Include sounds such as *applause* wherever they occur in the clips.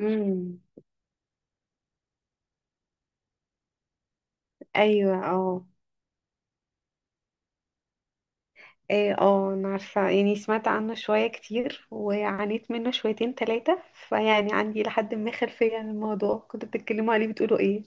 امم ايوه، اه، ايه، اه، انا عارفه، يعني سمعت عنه شويه كتير وعانيت منه شويتين ثلاثه، فيعني عندي لحد ما خلفيه عن الموضوع. كنتوا بتتكلموا عليه بتقولوا ايه؟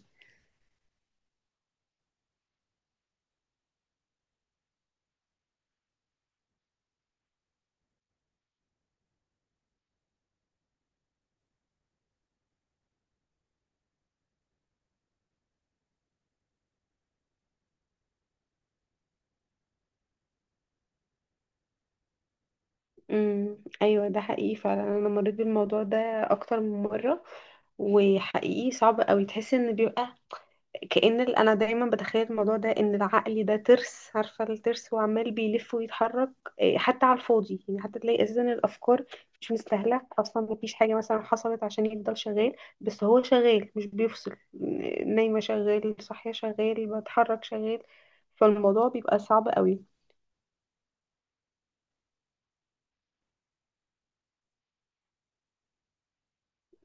ايوه، ده حقيقي فعلا. انا مريت بالموضوع ده اكتر من مره. وحقيقي صعب قوي تحس ان بيبقى كأن انا دايما بتخيل الموضوع ده، ان العقل ده ترس، عارفه الترس، وعمال بيلف ويتحرك. إيه، حتى على الفاضي يعني، حتى تلاقي اساسا الافكار مش مستاهله اصلا، مفيش حاجه مثلا حصلت عشان يفضل شغال. بس هو شغال مش بيفصل، نايمه شغال، صاحيه شغال، بتحرك شغال. فالموضوع بيبقى صعب قوي.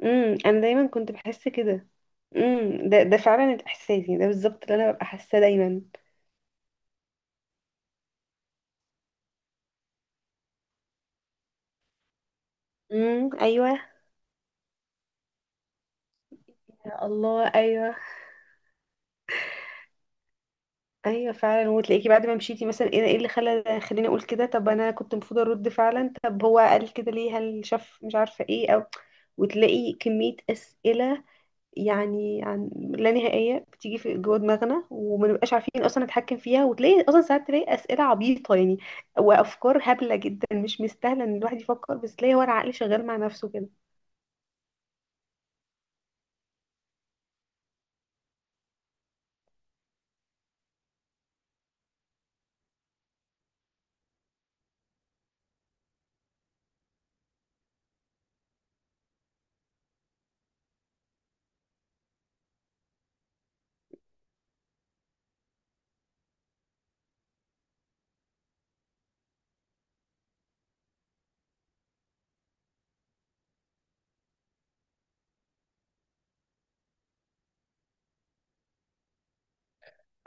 انا دايما كنت بحس كده. ده فعلا الاحساس، يعني ده بالظبط اللي انا ببقى حاساه دايما. ايوه. يا الله، ايوه. ايوه فعلا. وتلاقيكي بعد ما مشيتي مثلا ايه، إيه اللي خليني اقول كده؟ طب انا كنت المفروض ارد فعلا. طب هو قال كده ليه؟ هل شاف، مش عارفه ايه، او... وتلاقي كميه اسئله يعني، عن لا نهائيه بتيجي في جوه دماغنا، وما نبقاش عارفين اصلا نتحكم فيها. وتلاقي اصلا ساعات تلاقي اسئله عبيطه يعني، وافكار هبله جدا مش مستاهله ان الواحد يفكر، بس تلاقي هو العقل شغال مع نفسه كده.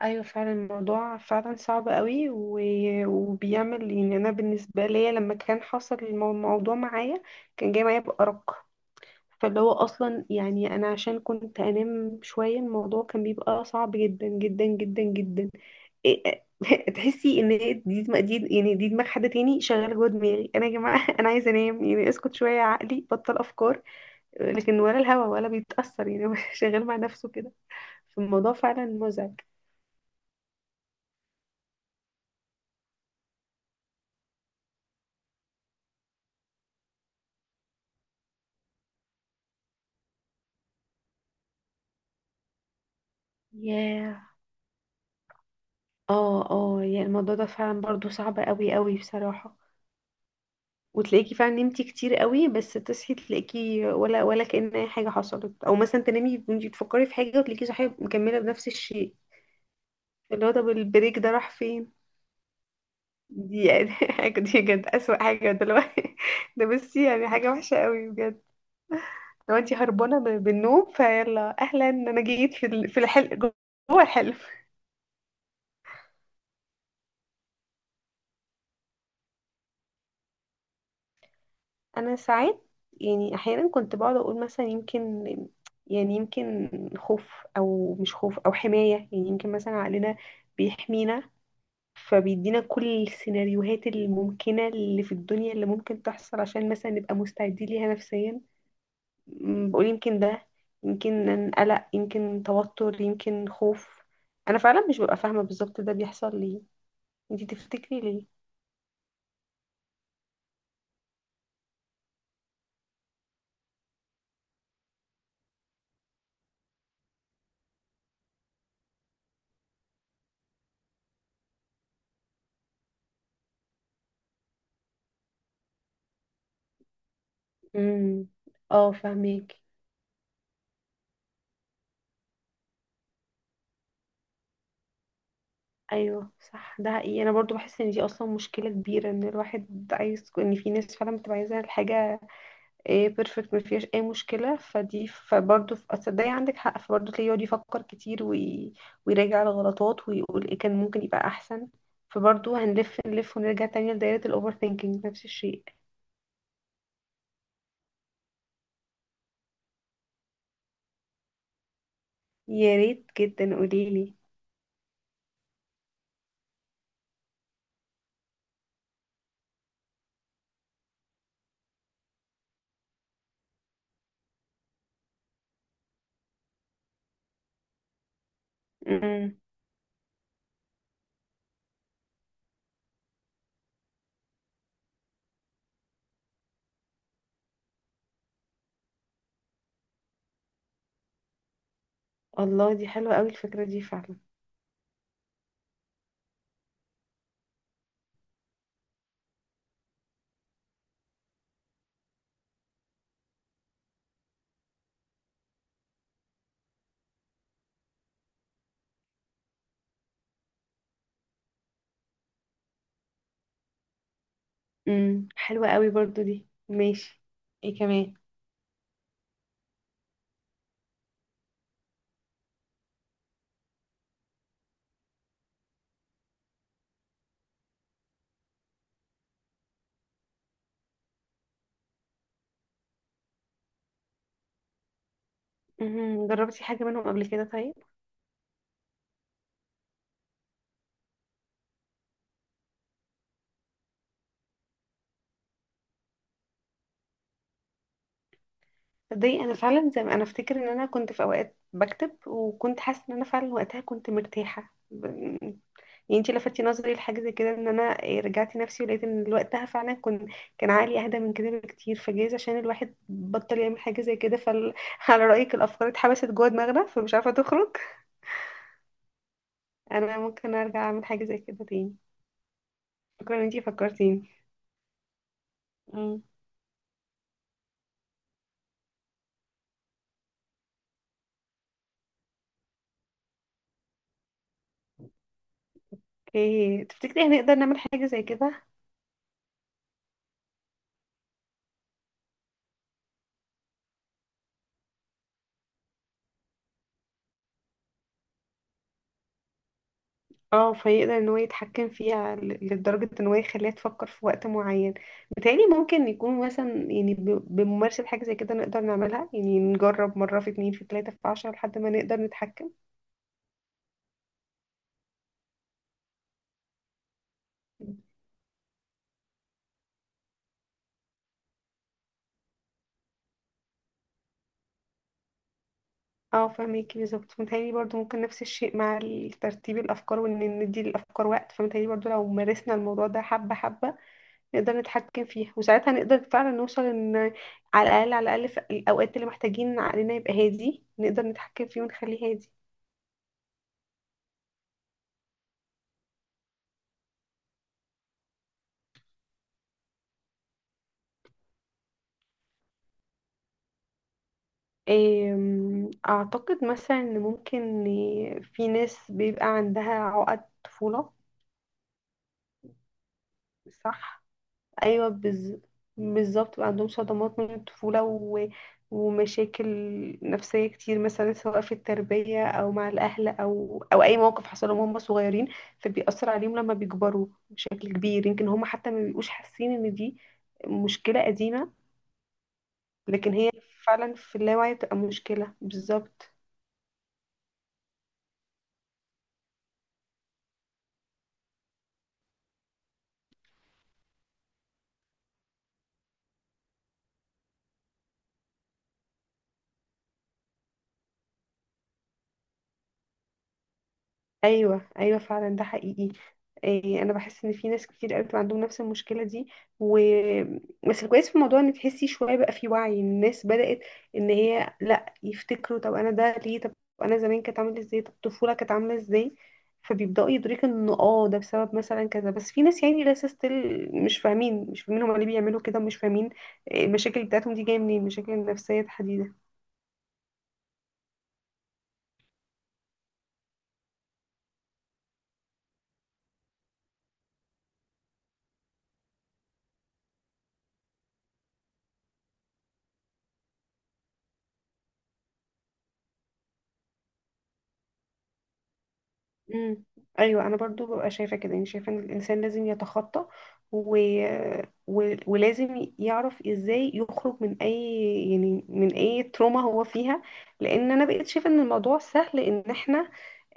ايوه فعلا، الموضوع فعلا صعب قوي وبيعمل يعني، انا بالنسبه ليا لما كان حصل الموضوع معايا، كان جاي معايا بارق. فاللي هو اصلا يعني انا عشان كنت انام شويه، الموضوع كان بيبقى صعب جدا جدا جدا جدا. إيه- *laughs* تحسي ان هي دي دماغ، دي يعني دي دماغ حد تاني شغاله جوه دماغي انا يا جماعه *laughs* انا عايزه انام يعني، اسكت شويه يا عقلي، بطل افكار. لكن ولا الهوا ولا بيتاثر يعني *laughs* هو شغال مع نفسه كده. فالموضوع فعلا مزعج. ياه. اه، اه، يعني الموضوع ده فعلا برضو صعب قوي قوي بصراحة. وتلاقيكي فعلا نمتي كتير قوي، بس تصحي تلاقيكي ولا كأن اي حاجة حصلت، او مثلا تنامي وانتي بتفكري في حاجة، وتلاقيكي صاحية مكملة بنفس الشيء. اللي هو طب البريك ده راح فين؟ دي يعني *laughs* حاجة، دي بجد أسوأ حاجة دلوقتي. ده بصي يعني حاجة وحشة قوي بجد. لو انتي هربانة بالنوم، فيلا اهلا، انا جيت في الحلم، جوه الحلم. انا ساعات، يعني احيانا كنت بقعد اقول مثلا يمكن، يعني يمكن خوف او مش خوف او حماية، يعني يمكن مثلا عقلنا بيحمينا، فبيدينا كل السيناريوهات الممكنة اللي في الدنيا اللي ممكن تحصل، عشان مثلا نبقى مستعدين ليها نفسيا. بقول يمكن ده يمكن قلق، يمكن توتر، يمكن خوف. انا فعلا مش ببقى فاهمة بالظبط ده بيحصل ليه. انتي تفتكري ليه؟ امم اه، فاهمك. ايوه صح، ده حقيقي. انا برضو بحس ان دي اصلا مشكله كبيره، ان الواحد عايز، ان في ناس فعلا بتبقى عايزه الحاجه ايه بيرفكت ما فيهاش اي مشكله، فدي فبرضو في، تصدقي عندك حق، فبرضو تلاقيه يقعد يفكر كتير ويراجع الغلطات ويقول ايه كان ممكن يبقى احسن. فبرضو هنلف نلف ونرجع تاني لدايره الاوفر ثينكينج، نفس الشيء. يا ريت جدا قوليلي. امم الله، دي حلوه قوي الفكره دي فعلا. حلوه قوي برضو دي، ماشي. ايه كمان؟ جربتي حاجه منهم قبل كده طيب؟ تصدقي انا فعلا، زي ما انا افتكر ان انا كنت في اوقات بكتب، وكنت حاسه ان انا فعلا وقتها كنت مرتاحه يعني انتي لفتي نظري لحاجه زي كده، ان انا آه، رجعت نفسي ولقيت ان وقتها فعلا كنت، كان عقلي اهدى من كده بكتير. فجايز عشان الواحد بطل يعمل حاجه زي كده، فعلى *laughs* رايك الافكار اتحبست جوه دماغنا فمش عارفه تخرج. انا ممكن ارجع اعمل حاجه زي كده تاني. شكرا ان انتي فكرتيني. مم. اوكي، تفتكري هنقدر نعمل حاجه زي كده؟ اه، فيقدر ان هو يتحكم فيها، لدرجة ان هو يخليها تفكر في وقت معين. بتهيألي ممكن يكون مثلا يعني، بممارسة حاجة زي كده نقدر نعملها، يعني نجرب مرة في اتنين في تلاتة في عشرة لحد ما نقدر نتحكم. اه، فهميكي بالظبط. متهيألي برضو ممكن نفس الشيء مع ترتيب الأفكار، وإن ندي للأفكار وقت. فمتهيألي برضو لو مارسنا الموضوع ده حبة حبة، نقدر نتحكم فيها، وساعتها نقدر فعلا نوصل إن على الأقل على الأقل في الأوقات اللي محتاجين عقلنا يبقى هادي، نقدر نتحكم فيه ونخليه هادي. أعتقد مثلا إن ممكن في ناس بيبقى عندها عقد طفولة. صح؟ أيوة بالظبط بيبقى عندهم صدمات من الطفولة ومشاكل نفسية كتير مثلا، سواء في التربية أو مع الأهل أو أو أي موقف حصل لهم وهم صغيرين، فبيأثر عليهم لما بيكبروا بشكل كبير. يمكن هم حتى ما بيبقوش حاسين إن دي مشكلة قديمة. لكن هي فعلا في اللاوعي بتبقى مشكلة بالظبط. ايوه، ايوه فعلا، ده حقيقي. إيه، انا بحس ان في ناس كتير قوي بتبقى عندهم نفس المشكله دي. و بس الكويس في الموضوع ان تحسي شويه بقى في وعي الناس بدات، ان هي لا، يفتكروا طب انا ده ليه، طب انا زمان كانت عامله ازاي، طب الطفوله كانت عامله ازاي. فبيبداوا يدركوا ان اه ده بسبب مثلا كذا. بس في ناس يعني لسه ستيل مش فاهمين، مش فاهمين هما ليه بيعملوا كده، ومش فاهمين إيه المشاكل بتاعتهم دي جايه منين، المشاكل النفسيه تحديدا. امم ايوه، انا برضو ببقى شايفه كده. يعني شايفه ان الانسان لازم يتخطى، و... ولازم يعرف ازاي يخرج من اي، يعني من اي تروما هو فيها. لان انا بقيت شايفه ان الموضوع سهل، ان احنا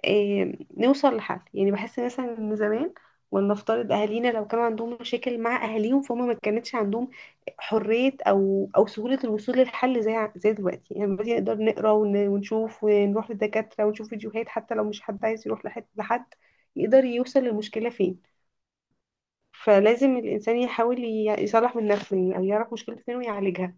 إيه نوصل لحل. يعني بحس مثلا ان زمان، ولنفترض اهالينا لو كانوا عندهم مشاكل مع اهاليهم، فهم ما كانتش عندهم حرية او او سهولة الوصول للحل زي زي دلوقتي. يعني دلوقتي نقدر نقرا، ونشوف ونروح للدكاترة ونشوف فيديوهات. حتى لو مش حد عايز يروح لحد، لحد يقدر يوصل للمشكلة فين. فلازم الانسان يحاول يصلح من نفسه يعني، او يعرف مشكلة فين ويعالجها.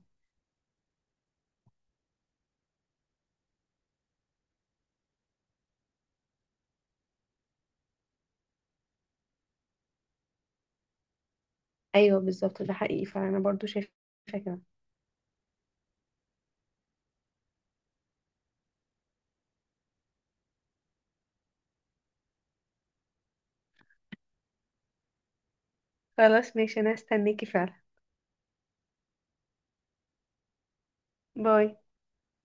ايوه بالظبط، ده حقيقي، فانا برضو شايفة كده. خلاص ماشي، انا هستناكي فعلا. باي.